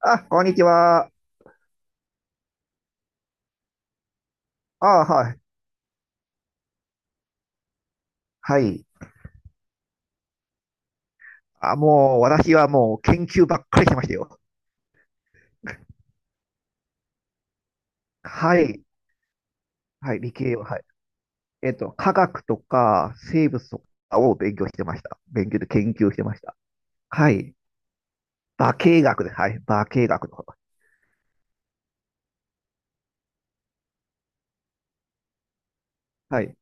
あ、こんにちは。あ、はい。はい。あ、もう、私はもう研究ばっかりしてましたよ。はい。はい、理系は、はい。科学とか生物とかを勉強してました。勉強で研究してました。はい。化学です。はい。化学の方。はい。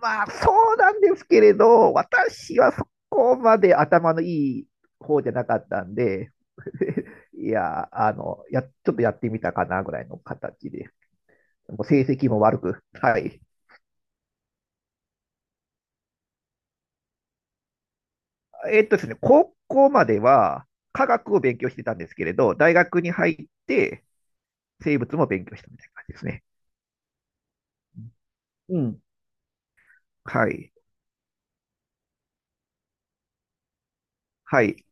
まあ、そうなんですけれど、私はそこまで頭のいい方じゃなかったんで、いや、ちょっとやってみたかなぐらいの形で、もう成績も悪く、はい。えっとですね、高校までは科学を勉強してたんですけれど、大学に入って生物も勉強したみたいな感じですね。うん。はい。はい。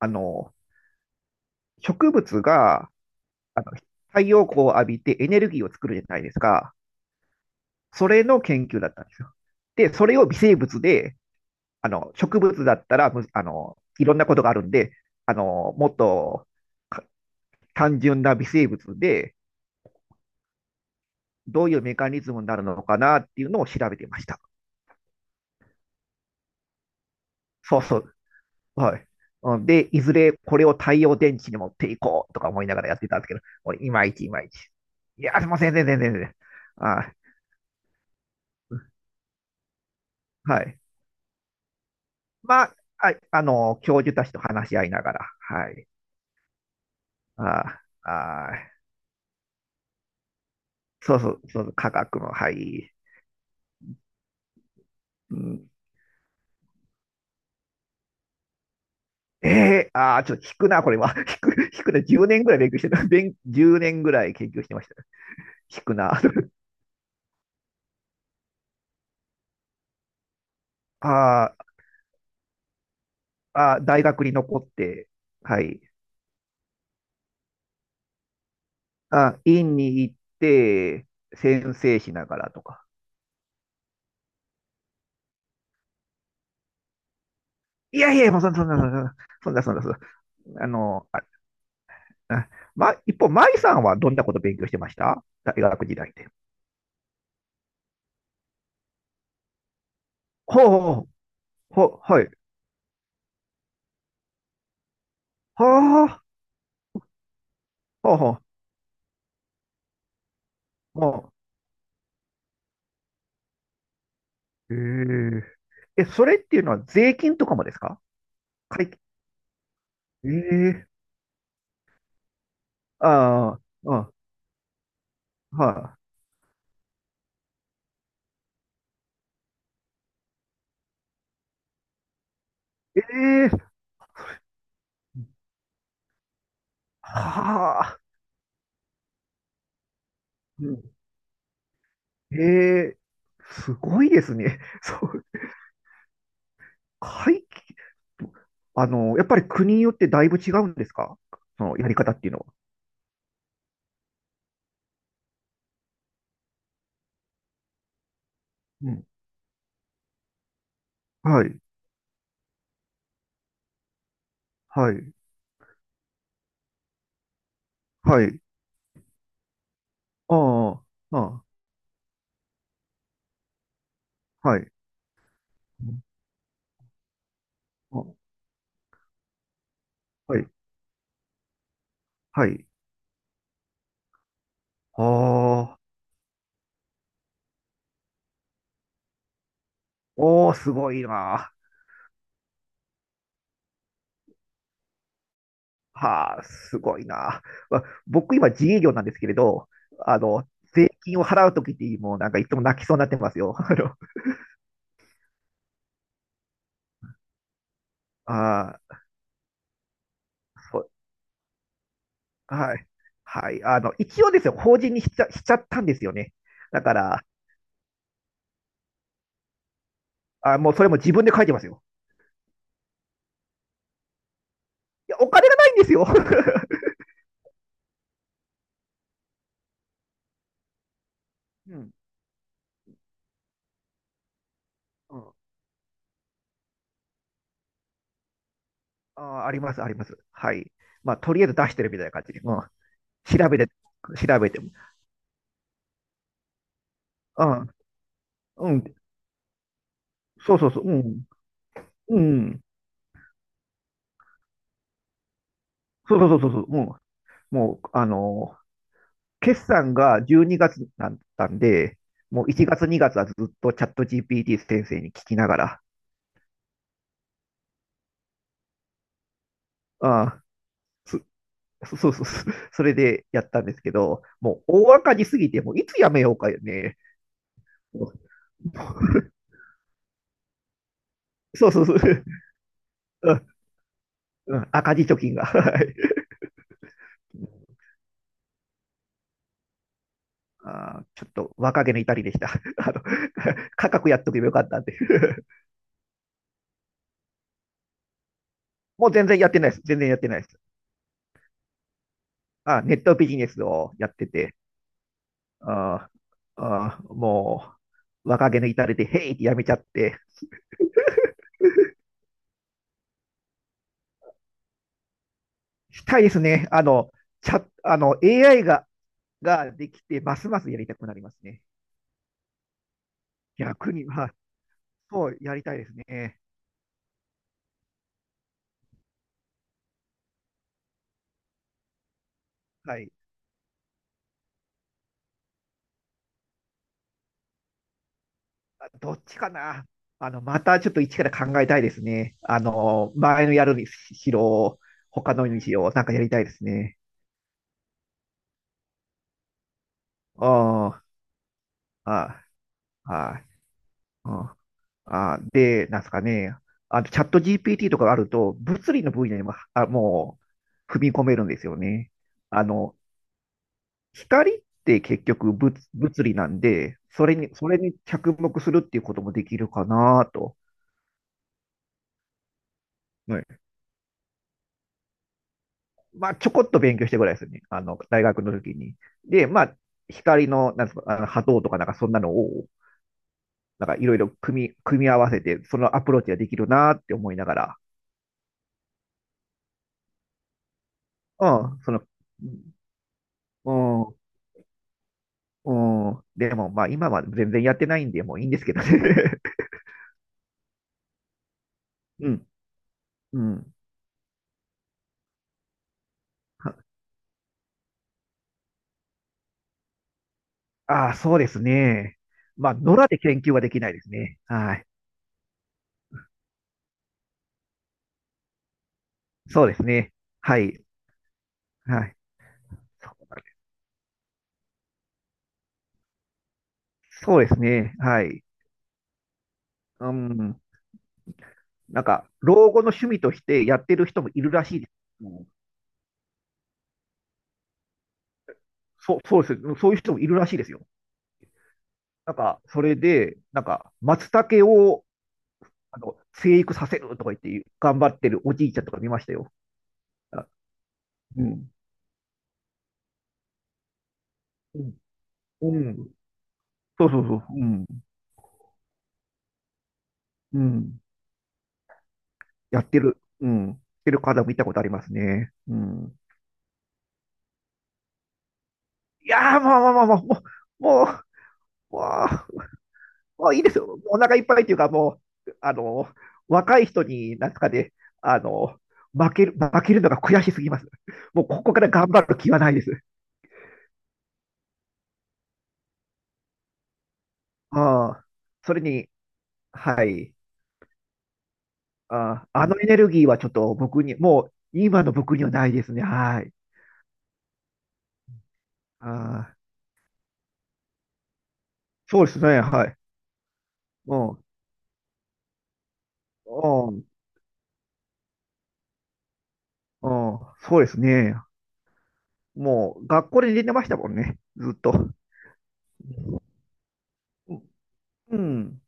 あの、植物が、あの、太陽光を浴びてエネルギーを作るじゃないですか。それの研究だったんですよ。で、それを微生物で、植物だったら、むあの、いろんなことがあるんで、もっとか単純な微生物で、どういうメカニズムになるのかなっていうのを調べてました。そうそう。はい。うんで、いずれこれを太陽電池に持っていこうとか思いながらやってたんですけど、もういまいちいまいち。いや、すいません、全然全然全然。あ、はい。まあ、はい教授たちと話し合いながら、はい。あ、あ、そうそう、そう科学の、はい。うん、ああ、ちょっと引くな、これは。引くな、10年ぐらい勉強してた。10年ぐらい研究してました。引くな。あー大学に残って、はい。あ、院に行って、先生しながらとか。いやいや、もうそんな、そんな、そんな、そんな、そんな、そんなあ一方、舞さんはどんなこと勉強してました大学時代で？ほうほう、ほう、はい。はあ、ほうほう、ほう。へえ。え、それっていうのは税金とかもですか？会計。ええ、ああ、ああ、はい。ええ、はあ、うん、ええ、すごいですね。そう。会期、やっぱり国によってだいぶ違うんですか？そのやり方っていうのは。うん。は。はい、はい、はい。ああ、ああ、はい、あ、はい、はい。ああ、おー、すごいな。はあ、すごいな。僕今自営業なんですけれど、あの、税金を払うときって、もうなんかいつも泣きそうになってますよ。ああ、そう、はい。はい。一応ですよ、法人にしちゃったんですよね。だから、あ、もうそれも自分で書いてますよ。いや、お金がないんですよ。うん。うん、あ、あります、あります。はい。まあ、とりあえず出してるみたいな感じで、うん、調べて、調べても。あ、うん、そうそうそう、うん、うん、そうそうそうそう、うん、もう、決算が12月だったんで、もう1月、2月はずっとチャット GPT 先生に聞きながら、あ、そ、そうそうそう、それでやったんですけど、もう大赤字すぎて、もういつやめようかね。そうそうそう。うん。うん、赤字貯金が。はい。ちょっと若気の至りでした。あの、価格やっとけばよかったっていう。もう全然やってないです。全然やってないです。あ、ネットビジネスをやってて、あもう若気の至りで、へいってやめちゃって、したいですね。あの、チャ、あの、AI が、できて、ますますやりたくなりますね。逆に、まあ、そう、やりたいですね。はい。どっちかな。またちょっと一から考えたいですね。前のやるにしろ、他のにしろ、なんかやりたいですね。ああ、ああ、はい、うん、ああ、で、なんですかね。あと、チャット GPT とかがあると、物理の分野にも、あ、もう、踏み込めるんですよね。あの、光って結局物理なんで、それに着目するっていうこともできるかなと。まあ、ちょこっと勉強してぐらいですよね。大学の時に。で、まあ、光の、なんですか、波動とかなんかそんなのを、なんかいろいろ組み合わせて、そのアプローチができるなって思いながら、うん、うん、うん、でもまあ今は全然やってないんで、もういいんですけどね。うん、うん。ああ、そうですね。まあ、野良で研究はできないですね。はい。そうですね。はい。はい。そうですね。はい。うん。なんか、老後の趣味としてやってる人もいるらしいです。そうです。そういう人もいるらしいですよ。なんか、それで、なんか、松茸を、生育させるとか言って、頑張ってるおじいちゃんとか見ましたよ。あ、うん。うん。うん、そうそうそう。うん。うん。やってる。うん。やってる方も見たことありますね。うん。いやー、もう、もう、ももう、もう、もう、もういいですよ。お腹いっぱいっていうか、もう、若い人に、なんとかであの、負けるのが悔しすぎます。もうここから頑張る気はないです。ああ、それに、はい。ああ、あのエネルギーはちょっと僕に、もう今の僕にはないですね。はい。ああ、そうですね。はい。うん。うん。うん。そうですね。もう学校で寝てましたもんね。ずっと。うん。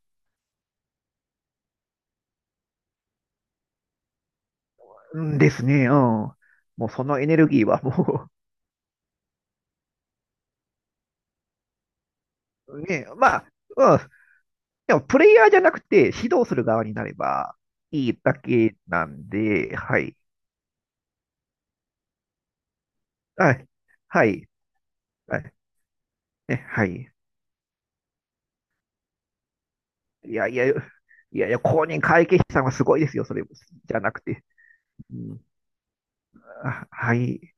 うんですね。うん。もうそのエネルギーはもうね、まあ、うん、でもプレイヤーじゃなくて指導する側になればいいだけなんで、はい。はい。はい。はい。ね、はい。いやいや、いやいや、公認会計士さんはすごいですよ、それ。じゃなくて。うん、あ、はい。